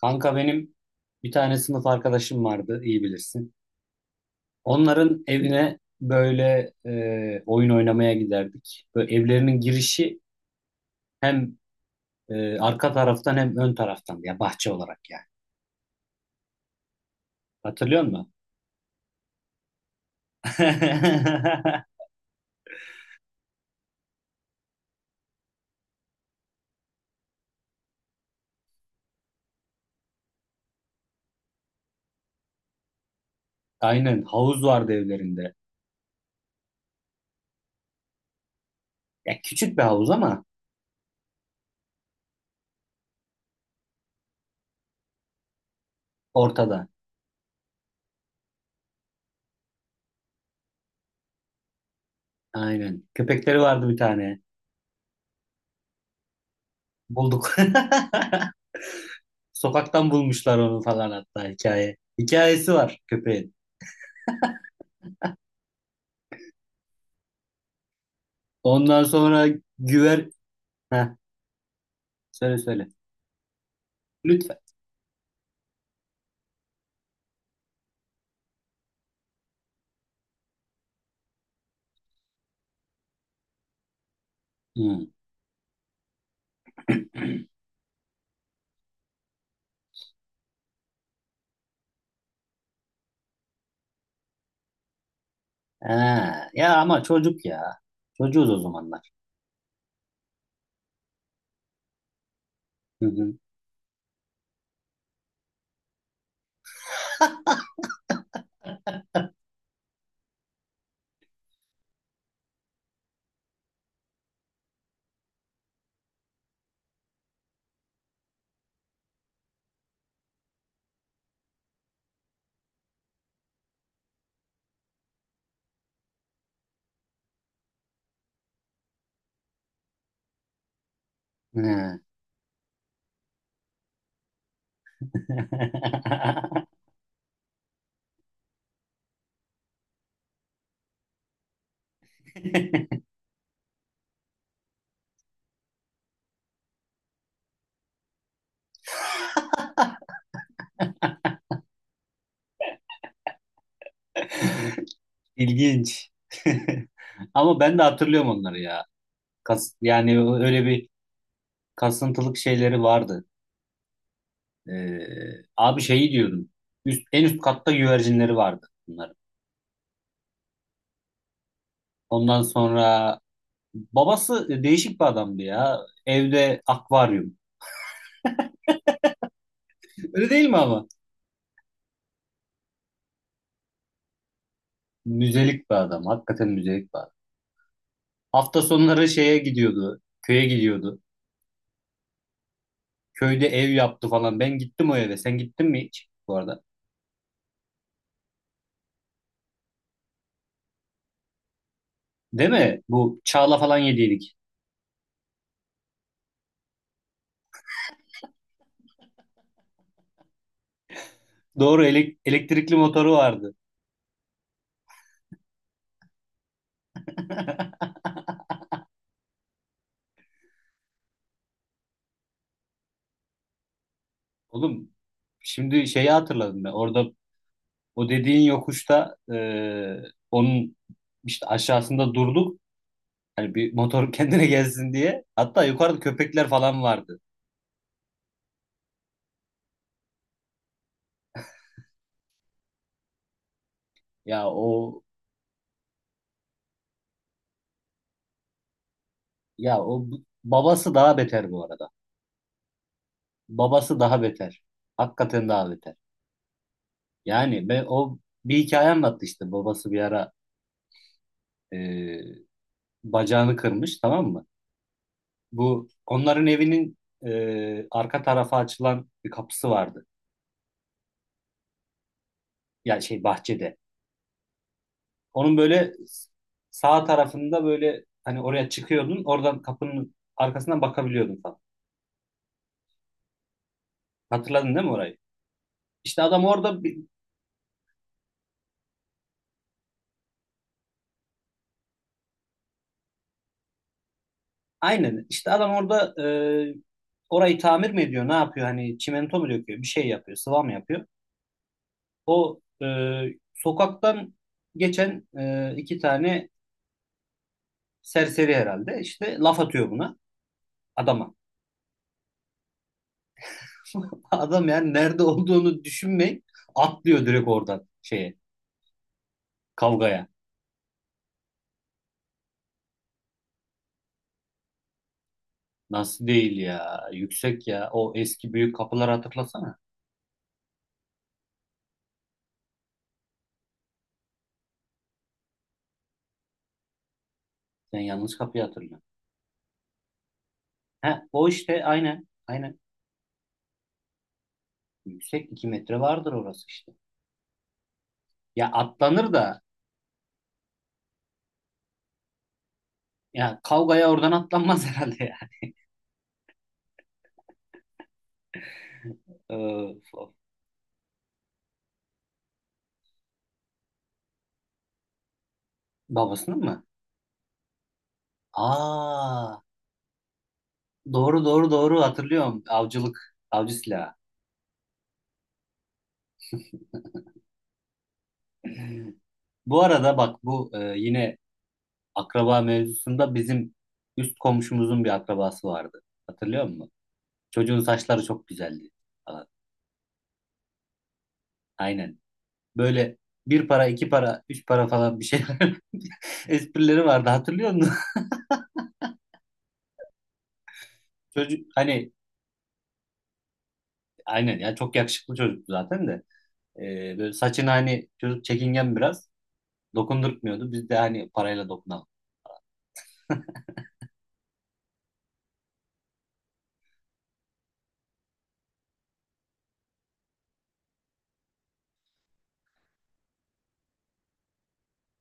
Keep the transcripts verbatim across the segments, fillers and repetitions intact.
Kanka benim bir tane sınıf arkadaşım vardı, iyi bilirsin. Onların evine böyle e, oyun oynamaya giderdik. Böyle evlerinin girişi hem e, arka taraftan hem ön taraftan ya bahçe olarak yani. Hatırlıyor musun? Aynen, havuz vardı evlerinde. Ya küçük bir havuz ama ortada. Aynen. Köpekleri vardı bir tane. Bulduk. Sokaktan bulmuşlar onu falan hatta hikaye. Hikayesi var köpeğin. Ondan sonra güver. Heh. Söyle söyle. Lütfen. Hı. Ha. Ya ama çocuk ya. Çocuğuz o zamanlar. Hı hı. Ha. İlginç. Ama ben de hatırlıyorum onları ya. Kas, yani öyle bir kasıntılık şeyleri vardı. Ee, abi şeyi diyordum. Üst, en üst katta güvercinleri vardı bunların. Ondan sonra babası değişik bir adamdı ya. Evde akvaryum. Öyle değil mi ama? Müzelik bir adam. Hakikaten müzelik bir adam. Hafta sonları şeye gidiyordu. Köye gidiyordu. Köyde ev yaptı falan. Ben gittim o eve. Sen gittin mi hiç bu arada? Değil mi? Bu Çağla falan yediydik. Doğru elek- elektrikli motoru vardı. Oğlum, şimdi şeyi hatırladım ben. Orada o dediğin yokuşta e, onun işte aşağısında durduk. Hani bir motor kendine gelsin diye. Hatta yukarıda köpekler falan vardı. Ya o ya o babası daha beter bu arada. Babası daha beter. Hakikaten daha beter. Yani ben o bir hikaye anlattı, işte babası bir ara e, bacağını kırmış, tamam mı? Bu onların evinin e, arka tarafa açılan bir kapısı vardı. Yani şey, bahçede. Onun böyle sağ tarafında böyle, hani oraya çıkıyordun, oradan kapının arkasından bakabiliyordun falan. Hatırladın değil mi orayı? İşte adam orada bir- aynen işte adam orada, e, orayı tamir mi ediyor ne yapıyor, hani çimento mu döküyor, bir şey yapıyor, sıva mı yapıyor? O e, Sokaktan geçen e, iki tane serseri herhalde işte laf atıyor buna, adama. Adam yani nerede olduğunu düşünmeyip atlıyor direkt oradan şeye, kavgaya. Nasıl değil ya yüksek ya, o eski büyük kapıları hatırlasana. Sen yanlış kapıyı hatırlıyorsun. He, o işte aynen aynen yüksek, iki metre vardır orası işte. Ya atlanır da ya kavgaya oradan atlanmaz herhalde ya. Ee, babasının mı? Aa, Doğru doğru doğru hatırlıyorum. Avcılık, avcı silahı. Bu arada bak bu e, yine akraba mevzusunda bizim üst komşumuzun bir akrabası vardı. Hatırlıyor musun? Çocuğun saçları çok güzeldi falan. Aynen. Böyle bir para, iki para, üç para falan bir şey esprileri vardı. Hatırlıyor musun? Çocuk hani, aynen ya çok yakışıklı çocuktu zaten de. E, böyle saçını hani, çocuk çekingen biraz dokundurtmuyordu. Biz de hani parayla dokunalım.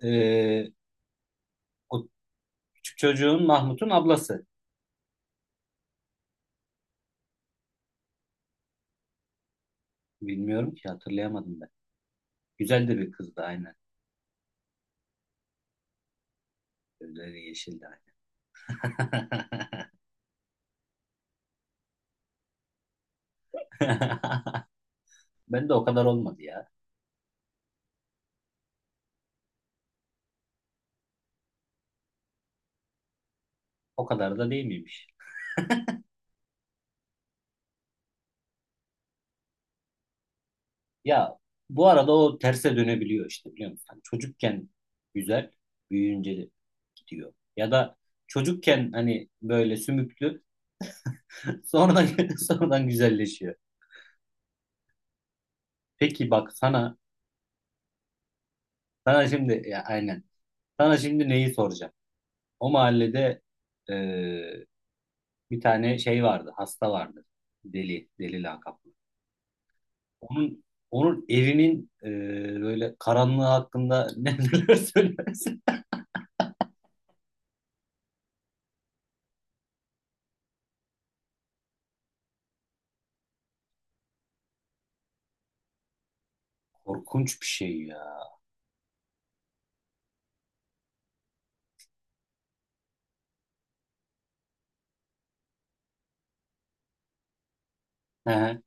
E, o küçük çocuğun Mahmut'un ablası. Bilmiyorum ki, hatırlayamadım ben. Güzel de bir kızdı aynen. Gözleri yeşildi aynen. Ben de o kadar olmadı ya. O kadar da değil miymiş? Ya bu arada o terse dönebiliyor işte, biliyor musun? Hani çocukken güzel, büyüyünce de gidiyor. Ya da çocukken hani böyle sümüklü, sonradan sonradan güzelleşiyor. Peki bak sana sana şimdi ya, aynen. Sana şimdi neyi soracağım? O mahallede bir tane şey vardı, hasta vardı. Deli, deli lakaplı. Onun onun evinin, e, böyle karanlığı hakkında ne- neler söylersin? Korkunç bir şey ya. Hı hı.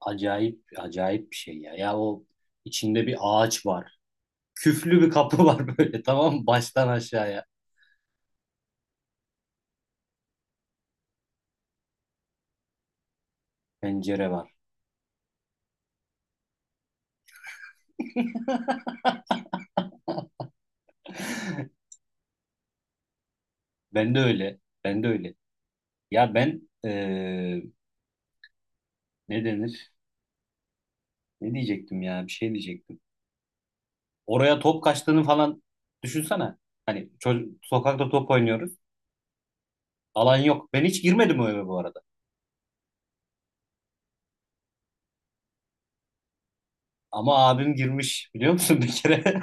Acayip, acayip bir şey ya. Ya o içinde bir ağaç var. Küflü bir kapı var böyle, tamam mı? Baştan aşağıya pencere var. Ben de öyle. Ben de öyle. Ya ben, e, ne denir? Ne diyecektim ya? Bir şey diyecektim. Oraya top kaçtığını falan düşünsene. Hani çocuk, sokakta top oynuyoruz. Alan yok. Ben hiç girmedim o eve bu arada. Ama abim girmiş, biliyor musun, bir kere?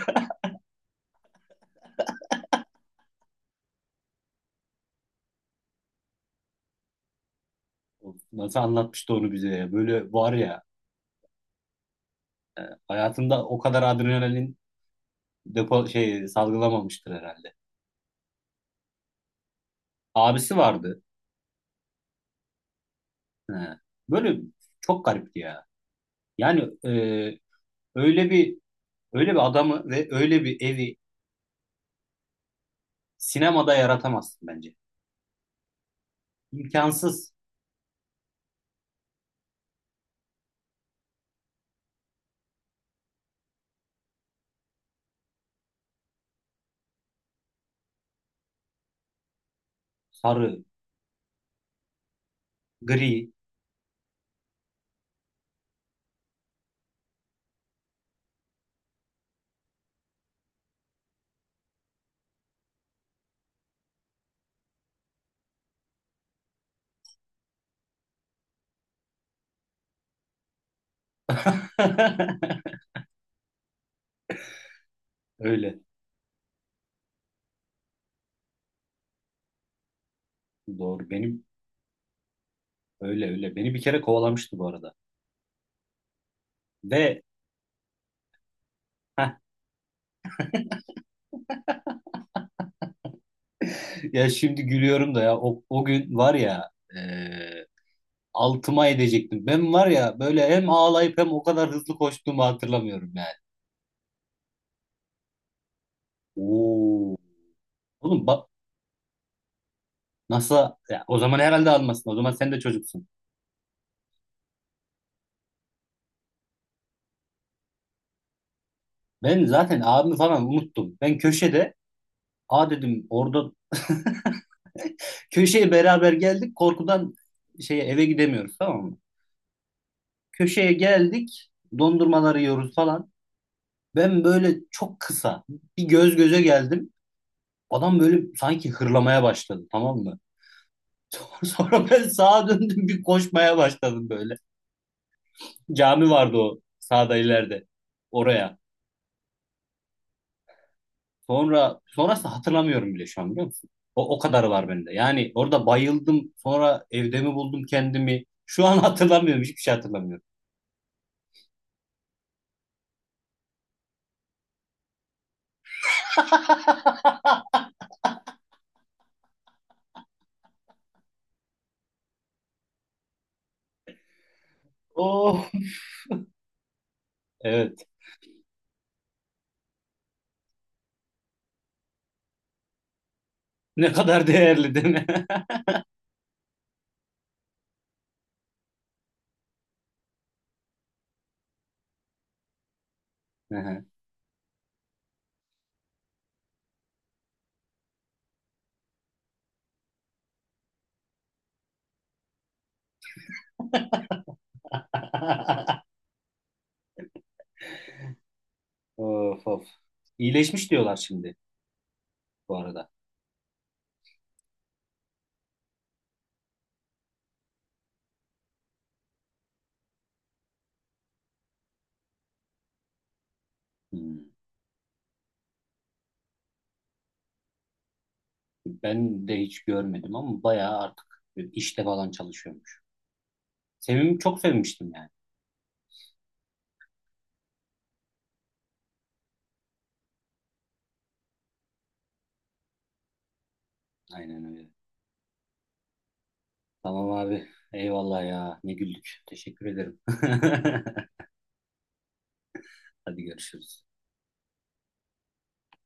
Nasıl anlatmıştı onu bize ya. Böyle var ya, hayatında o kadar adrenalin depo şey salgılamamıştır herhalde. Abisi vardı. He. Böyle çok garipti ya. Yani e, öyle bir öyle bir adamı ve öyle bir evi sinemada yaratamazsın bence. İmkansız. Sarı, gri. Öyle. Doğru. Benim öyle öyle. Beni bir kere kovalamıştı bu arada. Ve ya şimdi gülüyorum da ya, o, o gün var ya, e, altıma edecektim. Ben var ya böyle hem ağlayıp hem o kadar hızlı koştuğumu hatırlamıyorum yani. Oo. Oğlum bak nasıl ya, o zaman herhalde almasın. O zaman sen de çocuksun. Ben zaten abimi falan unuttum. Ben köşede a dedim, orada köşeye beraber geldik. Korkudan şeye eve gidemiyoruz, tamam mı? Köşeye geldik. Dondurmaları yiyoruz falan. Ben böyle çok kısa bir göz göze geldim. Adam böyle sanki hırlamaya başladı, tamam mı? Sonra sonra ben sağa döndüm, bir koşmaya başladım böyle. Cami vardı o sağda ileride, oraya. Sonra sonrası hatırlamıyorum bile şu an, biliyor musun? O, o kadarı var bende. Yani orada bayıldım, sonra evde mi buldum kendimi? Şu an hatırlamıyorum, hiçbir şey hatırlamıyorum. Oh evet, ne kadar değerli değil mi? Of of. İyileşmiş diyorlar şimdi bu arada. Hmm. Ben de hiç görmedim ama bayağı artık işte falan çalışıyormuş. Sevim çok sevmiştim yani. Aynen öyle. Tamam abi. Eyvallah ya. Ne güldük. Teşekkür ederim. Hadi görüşürüz.